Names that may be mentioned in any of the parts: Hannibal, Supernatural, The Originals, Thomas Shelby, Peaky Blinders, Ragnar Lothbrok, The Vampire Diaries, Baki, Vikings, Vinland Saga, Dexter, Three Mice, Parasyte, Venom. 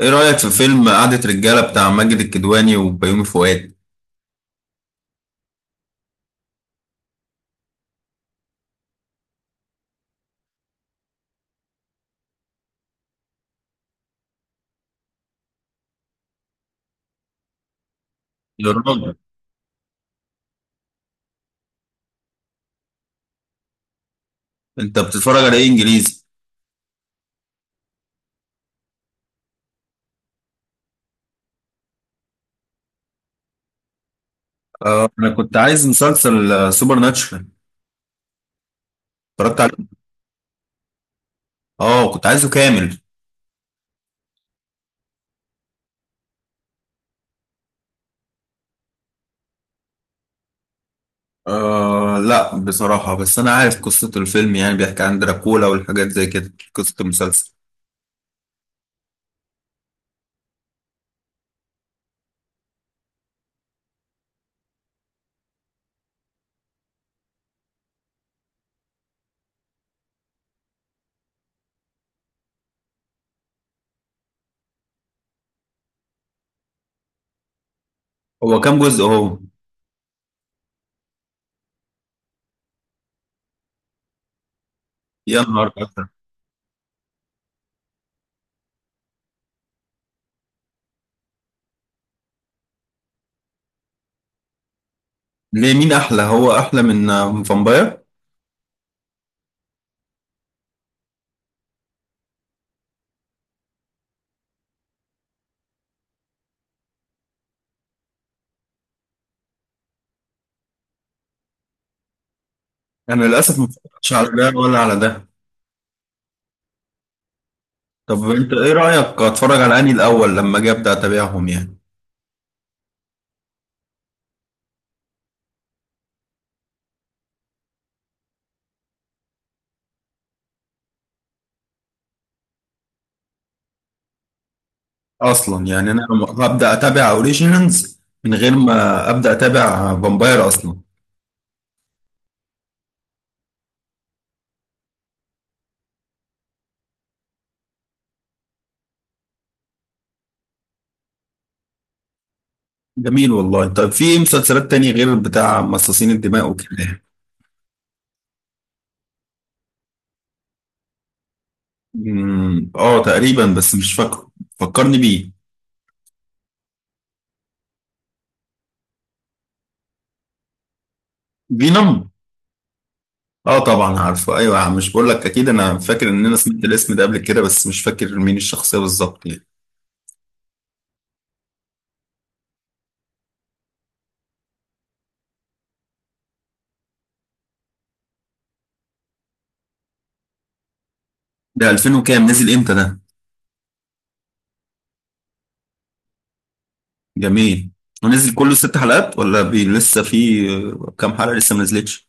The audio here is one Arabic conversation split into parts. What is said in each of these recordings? ايه رأيك في فيلم قعدة رجالة بتاع ماجد الكدواني وبيومي فؤاد؟ يا راجل، انت بتتفرج على ايه انجليزي؟ آه، انا كنت عايز مسلسل سوبر ناتشورال. اتفرجت عليه. اه، كنت عايزه كامل. آه لا، بصراحة بس انا عارف قصة الفيلم، يعني بيحكي عن دراكولا والحاجات زي كده. قصة المسلسل، هو كام جزء هو؟ يا نهار أكتر! ليه، مين احلى، هو احلى من فامباير انا للاسف ما اتفرجتش على ده ولا على ده. طب انت ايه رأيك، اتفرج على انهي الاول لما اجي ابدا اتابعهم يعني؟ اصلا يعني انا هبدا اتابع اوريجينالز من غير ما ابدا اتابع فامباير اصلا. جميل والله. طب في مسلسلات تانية غير بتاع مصاصين الدماء وكده؟ اه تقريبا، بس مش فاكره. فكرني بيه. فينوم. اه طبعا عارفه، ايوه، مش بقول لك اكيد انا فاكر ان انا سمعت الاسم ده قبل كده، بس مش فاكر مين الشخصيه بالظبط يعني. ده 2000 وكام؟ نزل امتى ده؟ جميل. ونزل كله 6 حلقات ولا بي لسه في كام حلقه لسه ما نزلتش؟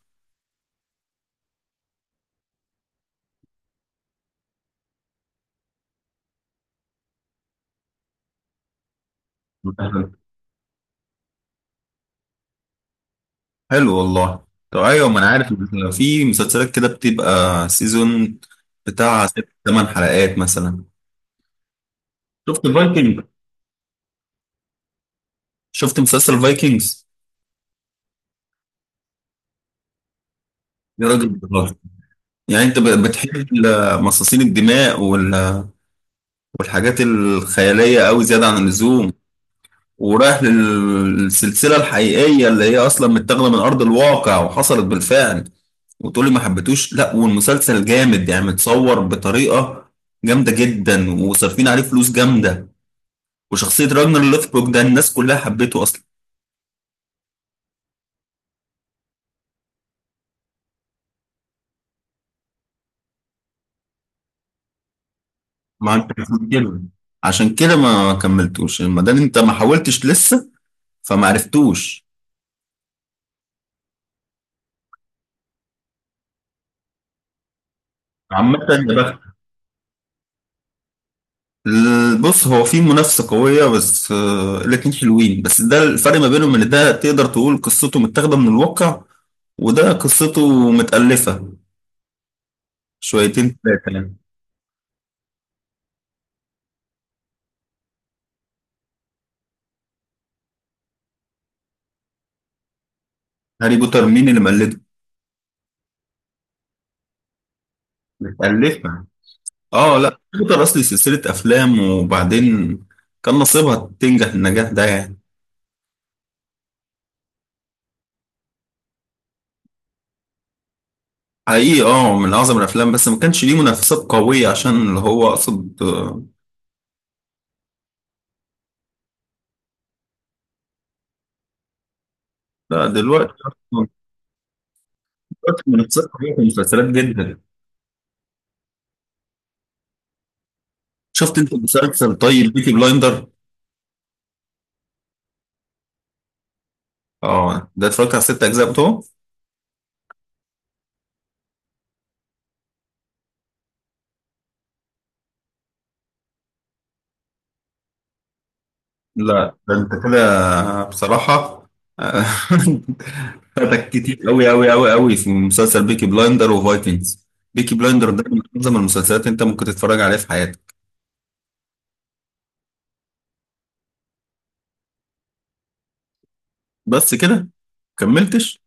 حلو والله. طب ايوه، ما انا عارف إن في مسلسلات كده بتبقى سيزون بتاع ست ثمان حلقات مثلا. شفت فايكنج شفت مسلسل فايكنجز؟ يا راجل بتهزر. يعني انت بتحب مصاصين الدماء والحاجات الخياليه قوي زياده عن اللزوم، ورايح للسلسله الحقيقيه اللي هي اصلا متاخده من ارض الواقع وحصلت بالفعل، وتقولي ما حبيتوش؟ لا والمسلسل جامد يعني، متصور بطريقه جامده جدا وصارفين عليه فلوس جامده، وشخصية راجنر لوثبروك ده الناس كلها حبيته أصلا. ما عندكش مشكلة. عشان كده ما كملتوش، ما دام أنت ما حاولتش لسه فما عرفتوش. عامة يا بخت. بص، هو في منافسة قوية، بس الاتنين حلوين، بس ده الفرق ما بينهم، إن ده تقدر تقول قصته متاخدة من الواقع وده قصته متألفة شويتين تلاتة يعني. هاري بوتر مين اللي مقلده؟ متألفة. اه لا، هاري بوتر أصلي سلسلة أفلام، وبعدين كان نصيبها تنجح النجاح ده يعني. حقيقي اه، من اعظم الافلام، بس ما كانش ليه منافسات قويه، عشان اللي هو اقصد لا، دلوقتي أصلاً- دلوقتي منافسات قويه في المسلسلات جدا. شفت انت مسلسل، طيب، بيكي بلايندر؟ اه ده اتفرجت على 6 اجزاء بتوعه. لا ده انت كده بصراحه آه، فاتك كتير قوي قوي قوي قوي في مسلسل بيكي بلايندر وفايكنجز. بيكي بلايندر ده من اعظم المسلسلات انت ممكن تتفرج عليها في حياتك. بس كده كملتش؟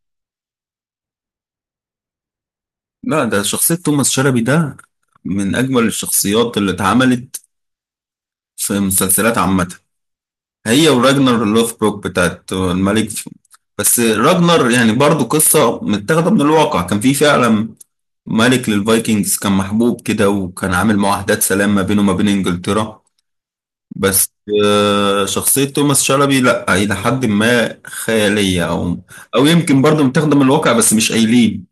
لا ده شخصية توماس شلبي ده من أجمل الشخصيات اللي اتعملت في مسلسلات عامة. هي وراجنر لوثبروك بتاعت الملك. بس راجنر يعني برضو قصة متاخدة من الواقع، كان في فعلا ملك للفايكنجز كان محبوب كده، وكان عامل معاهدات سلام ما بينه وما بين إنجلترا. بس شخصية توماس شلبي، لا، إلى حد ما خيالية أو يمكن برضو متاخدة من الواقع بس مش قايلين.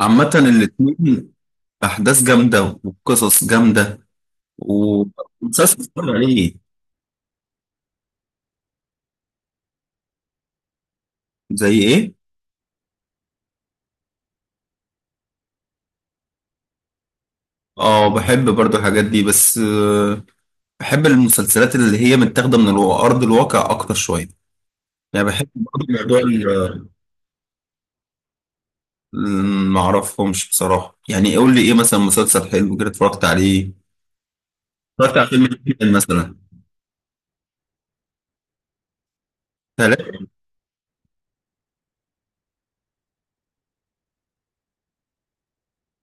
عامة الاتنين أحداث جامدة وقصص جامدة، ومسلسل اتفرج عليه. زي ايه؟ اه، بحب برضو الحاجات دي بس بحب المسلسلات اللي هي متاخده من ارض الواقع اكتر شويه، يعني بحب برضو موضوع ما اعرفهمش بصراحه، يعني قول لي ايه مثلا مسلسل حلو كده اتفرجت عليه؟ اتفرجت على فيلم جدا مثلا. ثلاث.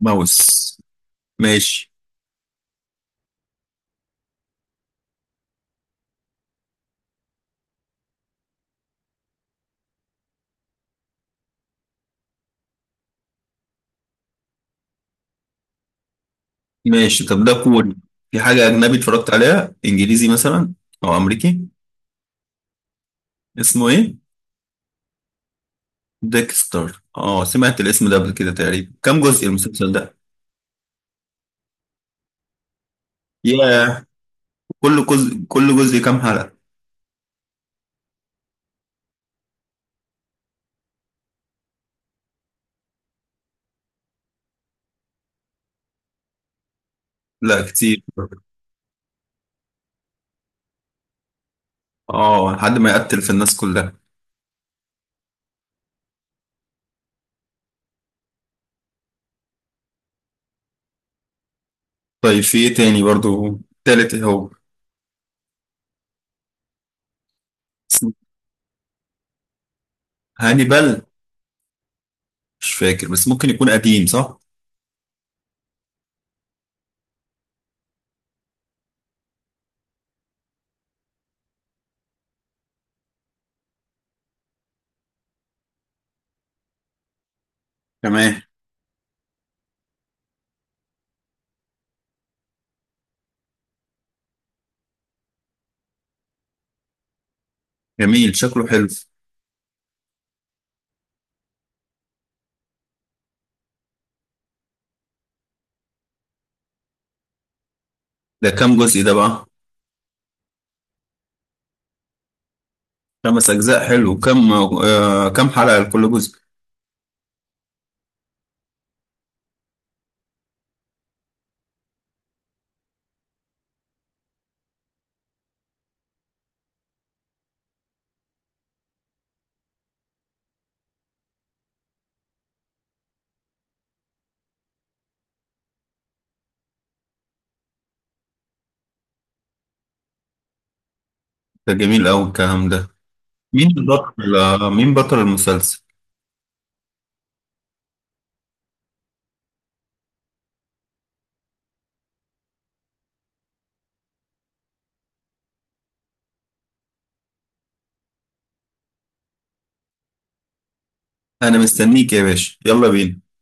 ماوس. ماشي. ماشي، طب ده كوري. في حاجه اجنبي اتفرجت عليها انجليزي مثلا او امريكي؟ اسمه ايه؟ ديكستر. اه سمعت الاسم ده قبل كده، تقريبا كم جزء المسلسل ده؟ ياه. كل جزء كام حلقة؟ لا كتير. اه لحد ما يقتل في الناس كلها. طيب في ايه تاني برضو، تالت إيه هو؟ اسمه هانيبال؟ مش فاكر، بس ممكن يكون قديم، صح. تمام. جميل، شكله حلو. ده كام جزء ده بقى؟ 5 اجزاء حلو، كم حلقة لكل جزء؟ ده جميل قوي الكلام ده. مين بطل مين بطل المسلسل؟ انا مستنيك يا باشا، يلا بينا.